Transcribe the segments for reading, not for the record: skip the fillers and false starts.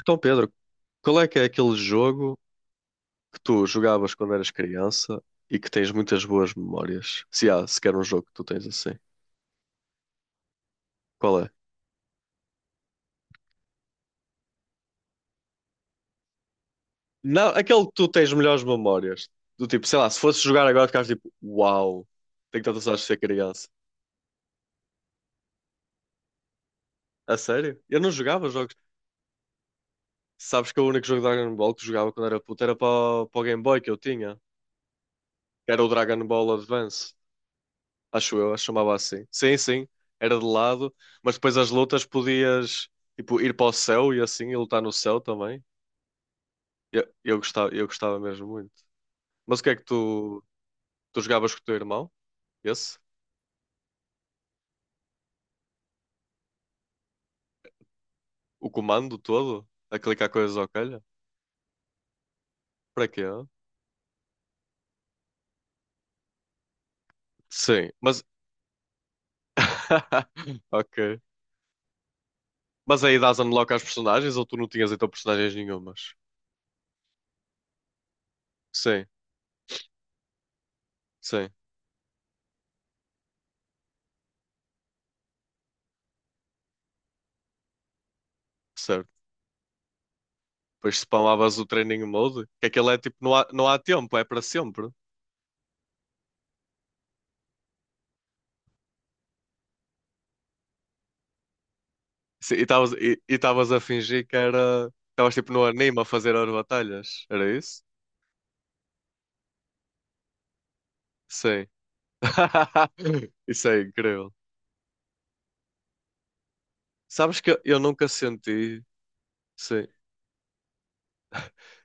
Então, Pedro, qual é que é aquele jogo que tu jogavas quando eras criança e que tens muitas boas memórias? Se há sequer um jogo que tu tens assim. Qual é? Não, aquele que tu tens melhores memórias. Do tipo, sei lá, se fosse jogar agora, ficavas tipo, uau, tenho tantas horas de ser criança. A sério? Eu não jogava jogos. Sabes que o único jogo de Dragon Ball que jogava quando era puto era para o Game Boy que eu tinha. Que Era o Dragon Ball Advance. Acho eu, acho que chamava assim. Sim, sim, era de lado, mas depois as lutas podias tipo, ir para o céu e assim, e lutar no céu também. Eu gostava, eu gostava mesmo muito. Mas o que é que tu, tu jogavas com o teu irmão? Esse? O comando todo? A clicar coisas ao calho? Para quê? Sim, mas. Ok. Mas aí dás unlock às personagens ou tu não tinhas então personagens nenhumas? Sim, sim, certo. Depois spamavas o training mode, que aquele é tipo, não há tempo, é para sempre. Sim, e estavas estavas a fingir que era. Estavas tipo no anime a fazer as batalhas, era isso? Sim. Isso é incrível. Sabes que eu nunca senti. Sim.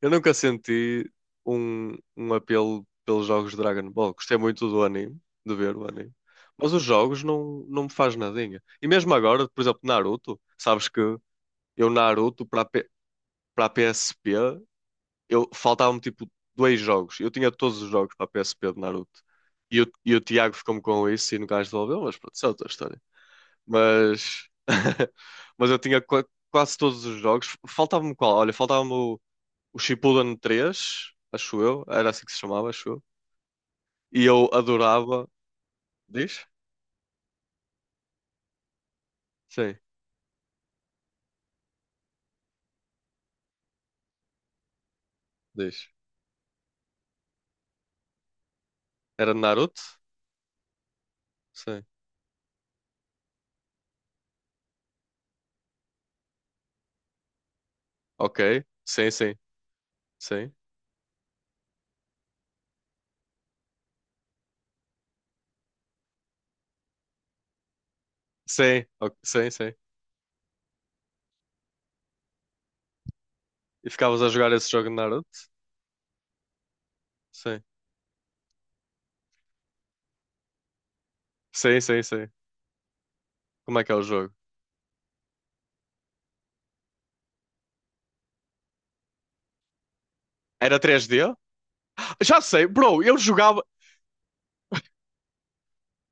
Eu nunca senti um apelo pelos jogos de Dragon Ball. Gostei muito do anime, de ver o anime. Mas os jogos não, não me faz nadinha. E mesmo agora, por exemplo, Naruto, sabes que eu Naruto para a PSP eu faltavam-me tipo dois jogos. Eu tinha todos os jogos para a PSP de Naruto. E, o Tiago ficou-me com isso e nunca mais devolveu, mas pronto, isso é outra história. Mas, mas eu tinha quase todos os jogos. Faltava-me qual? Olha, faltava-me o Shippuden 3 acho eu. Era assim que se chamava, acho eu. E eu adorava. Diz? Sim, diz. Era de Naruto? Sim. Ok. Sim, sim. Sim. Sim, ok, sim, sim. E ficavas a jogar esse jogo de Naruto? Sim. Sim, sim, sim. Como é que é o jogo? Era 3D? Já sei, bro, eu jogava.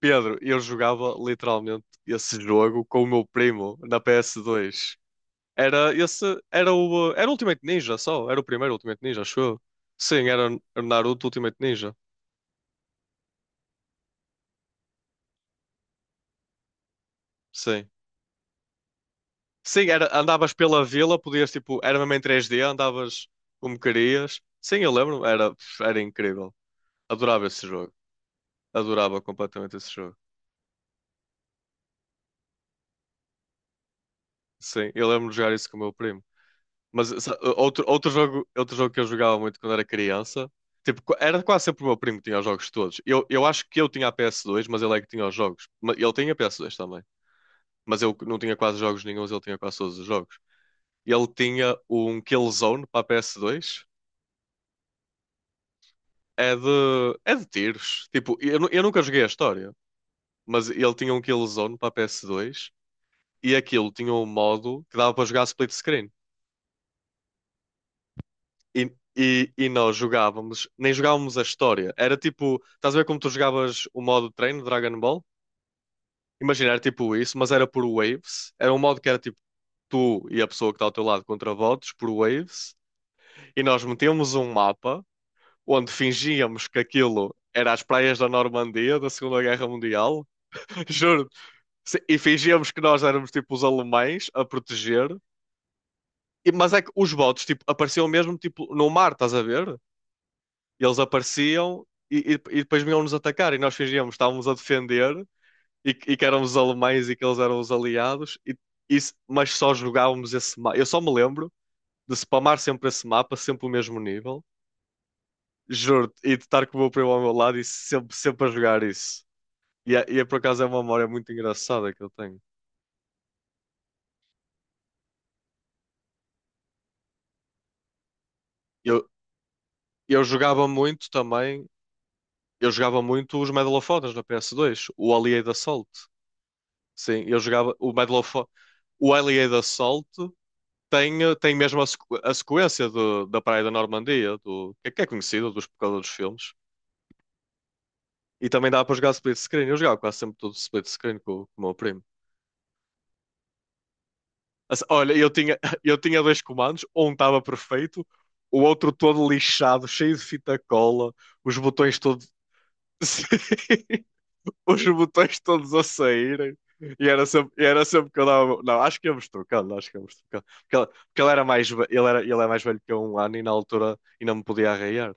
Pedro, eu jogava literalmente esse jogo com o meu primo na PS2. Era esse. Era o. Era Ultimate Ninja só. Era o primeiro Ultimate Ninja, acho eu. Sim, era o Naruto Ultimate Ninja. Sim. Sim, era, andavas pela vila, podias tipo. Era mesmo em 3D, andavas como querias. Sim, eu lembro. Era, era incrível. Adorava esse jogo. Adorava completamente esse jogo. Sim, eu lembro de jogar isso com o meu primo. Mas outro jogo que eu jogava muito quando era criança, tipo, era quase sempre o meu primo que tinha os jogos todos. Eu acho que eu tinha a PS2, mas ele é que tinha os jogos. Ele tinha a PS2 também, mas eu não tinha quase jogos nenhuns, ele tinha quase todos os jogos. Ele tinha um Killzone para a PS2, é de tiros. Tipo, eu nunca joguei a história, mas ele tinha um Killzone para a PS2 e aquilo tinha um modo que dava para jogar split screen. Nós jogávamos, nem jogávamos a história. Era tipo, estás a ver como tu jogavas o modo de treino, Dragon Ball? Imagina, era tipo isso, mas era por waves. Era um modo que era tipo tu e a pessoa que está ao teu lado contra votos por waves. E nós metíamos um mapa onde fingíamos que aquilo era as praias da Normandia da Segunda Guerra Mundial. Juro. E fingíamos que nós éramos tipo os alemães a proteger. Mas é que os votos tipo, apareciam mesmo tipo, no mar, estás a ver? Eles apareciam e depois vinham-nos atacar e nós fingíamos que estávamos a defender e que éramos os alemães e que eles eram os aliados, e, mas só jogávamos esse mapa. Eu só me lembro de spamar sempre esse mapa, sempre o mesmo nível, juro, e de estar com o meu primo ao meu lado e sempre, sempre a jogar isso. E é por acaso é uma memória muito engraçada que eu tenho. Eu, eu jogava muito também, eu jogava muito os Medal of Honors na PS2, o Allied Assault. Sim, eu jogava o Medal of Honor. O Alien Assault tem, tem mesmo a, a sequência da Praia da Normandia, do, que é conhecida dos por causa dos filmes. E também dá para jogar split screen. Eu jogava quase sempre tudo split screen com o meu primo. Assim, olha, eu tinha, eu tinha dois comandos, um estava perfeito, o outro todo lixado, cheio de fita cola, os botões todos. Os botões todos a saírem. E era sempre que eu dava. Não, acho que íamos trocando. Porque ele era mais, ele era, ele é mais velho que eu um ano e na altura ainda me podia arraiar.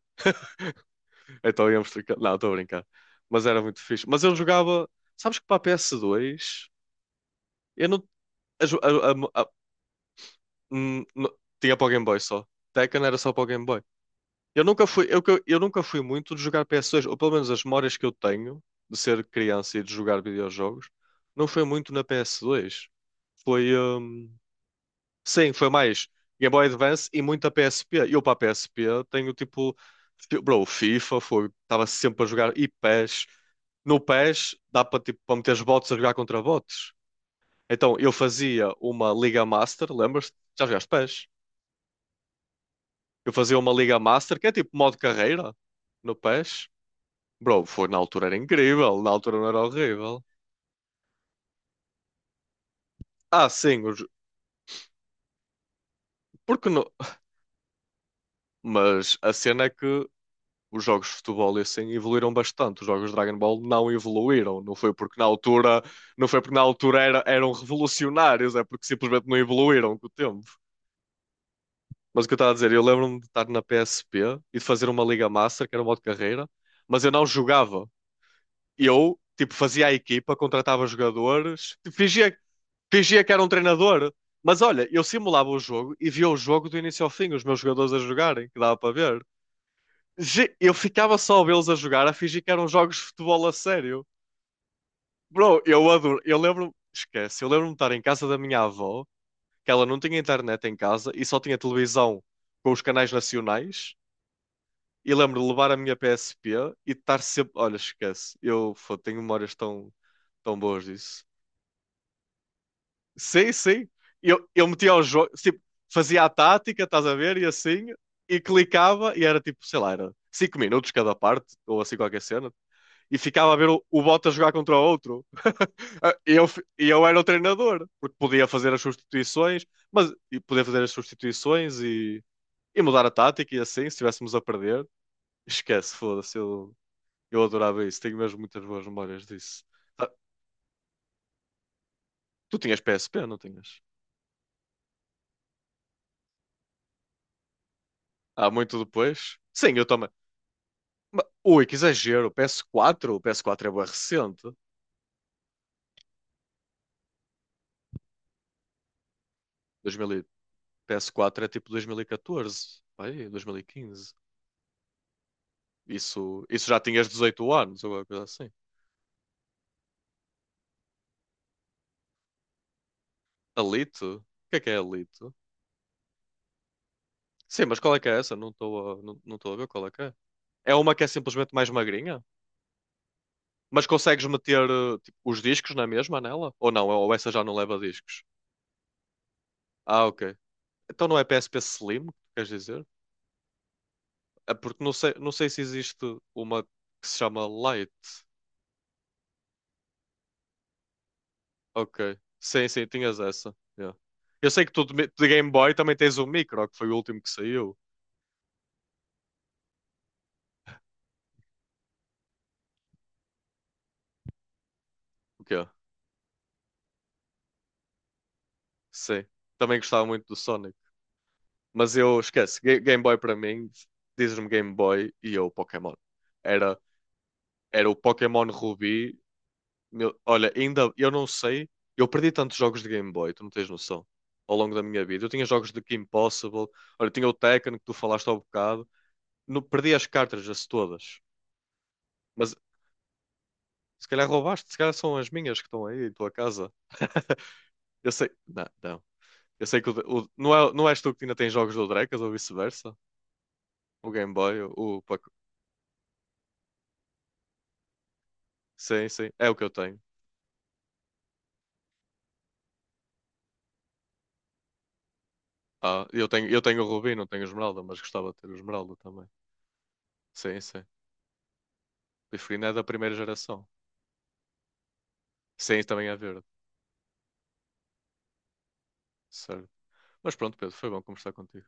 Então íamos ficar. Não, estou a brincar. Mas era muito fixe. Mas eu jogava. Sabes que para a PS2 eu não. a jo- a- hum, não- tinha para o Game Boy só. Tekken era só para o Game Boy. Eu nunca fui, eu nunca fui muito de jogar PS2, ou pelo menos as memórias que eu tenho de ser criança e de jogar videojogos, não foi muito na PS2. Foi. Sim, foi mais Game Boy Advance e muita PSP. Eu para a PSP tenho tipo, bro, FIFA, foi, estava sempre a jogar e PES. No PES dá para tipo, para meter os bots a jogar contra bots. Então eu fazia uma Liga Master, lembras-te? Já jogaste PES? Eu fazia uma Liga Master, que é tipo modo carreira no PES. Bro, foi na altura era incrível, na altura não era horrível. Ah, sim, porque no... mas a cena é que os jogos de futebol e assim evoluíram bastante. Os jogos de Dragon Ball não evoluíram. Não foi porque na altura, não foi porque na altura era, eram revolucionários, é porque simplesmente não evoluíram com o tempo. Mas o que eu estava a dizer, eu lembro-me de estar na PSP e de fazer uma Liga Master, que era um modo de carreira, mas eu não jogava. Eu, tipo, fazia a equipa, contratava jogadores, tipo, fingia, fingia que era um treinador. Mas olha, eu simulava o jogo e via o jogo do início ao fim, os meus jogadores a jogarem, que dava para ver. Eu ficava só a vê-los a jogar, a fingir que eram jogos de futebol a sério. Bro, eu adoro. Eu lembro, esquece, eu lembro-me de estar em casa da minha avó, que ela não tinha internet em casa e só tinha televisão com os canais nacionais. E lembro de levar a minha PSP e de estar sempre. Olha, esquece, eu fô, tenho memórias tão, tão boas disso. Sim, sim. Eu metia os jogos, tipo, fazia a tática, estás a ver, e assim, e clicava, e era tipo, sei lá, era 5 minutos cada parte, ou assim qualquer cena. E ficava a ver o Bottas jogar contra o outro. Ah, eu era o treinador, porque podia fazer as substituições, mas podia fazer as substituições e mudar a tática e assim, se estivéssemos a perder. Esquece, foda-se, eu adorava isso. Tenho mesmo muitas boas memórias disso. Ah, tu tinhas PSP, não tinhas? Há muito depois? Sim, eu também. Ui, que exagero. PS4, o PS4 é bué recente. 2000, e- PS4 é tipo 2014, aí, 2015. Isso, isso já tinhas 18 anos, ou alguma coisa assim. Alito? O que é Alito? Sim, mas qual é que é essa? Não, não estou a ver qual é que é. É uma que é simplesmente mais magrinha? Mas consegues meter eh, tipo, os discos na mesma nela? Ou não? Ou essa já não leva discos? Ah, ok. Então não é PSP Slim, queres dizer? É porque não sei, não sei se existe uma que se chama Lite. Ok. Sim, sim, tinhas essa. Yeah. Eu sei que tu de Game Boy também tens o Micro, que foi o último que saiu. O quê? Sim. Também gostava muito do Sonic. Mas eu esquece, Game Boy para mim, dizes-me Game Boy e eu Pokémon. Era, era o Pokémon Ruby. Meu, olha, ainda eu não sei, eu perdi tantos jogos de Game Boy, tu não tens noção, ao longo da minha vida. Eu tinha jogos de Kim Possible, olha, tinha o Tekken que tu falaste há bocado. No, perdi as cartas as todas, mas se calhar roubaste, se calhar são as minhas que estão aí em tua casa. Eu sei, não, não. Eu sei que não, é, não és tu que ainda tens jogos do Drecas ou vice-versa? O Game Boy, o Pac- Sim, sim, é o que eu tenho. Ah, eu tenho o Rubi, não tenho o Esmeralda, mas gostava de ter o Esmeralda também. Sim, sim. Biferina é da primeira geração. Sim, também é verde. Certo. Mas pronto, Pedro, foi bom conversar contigo.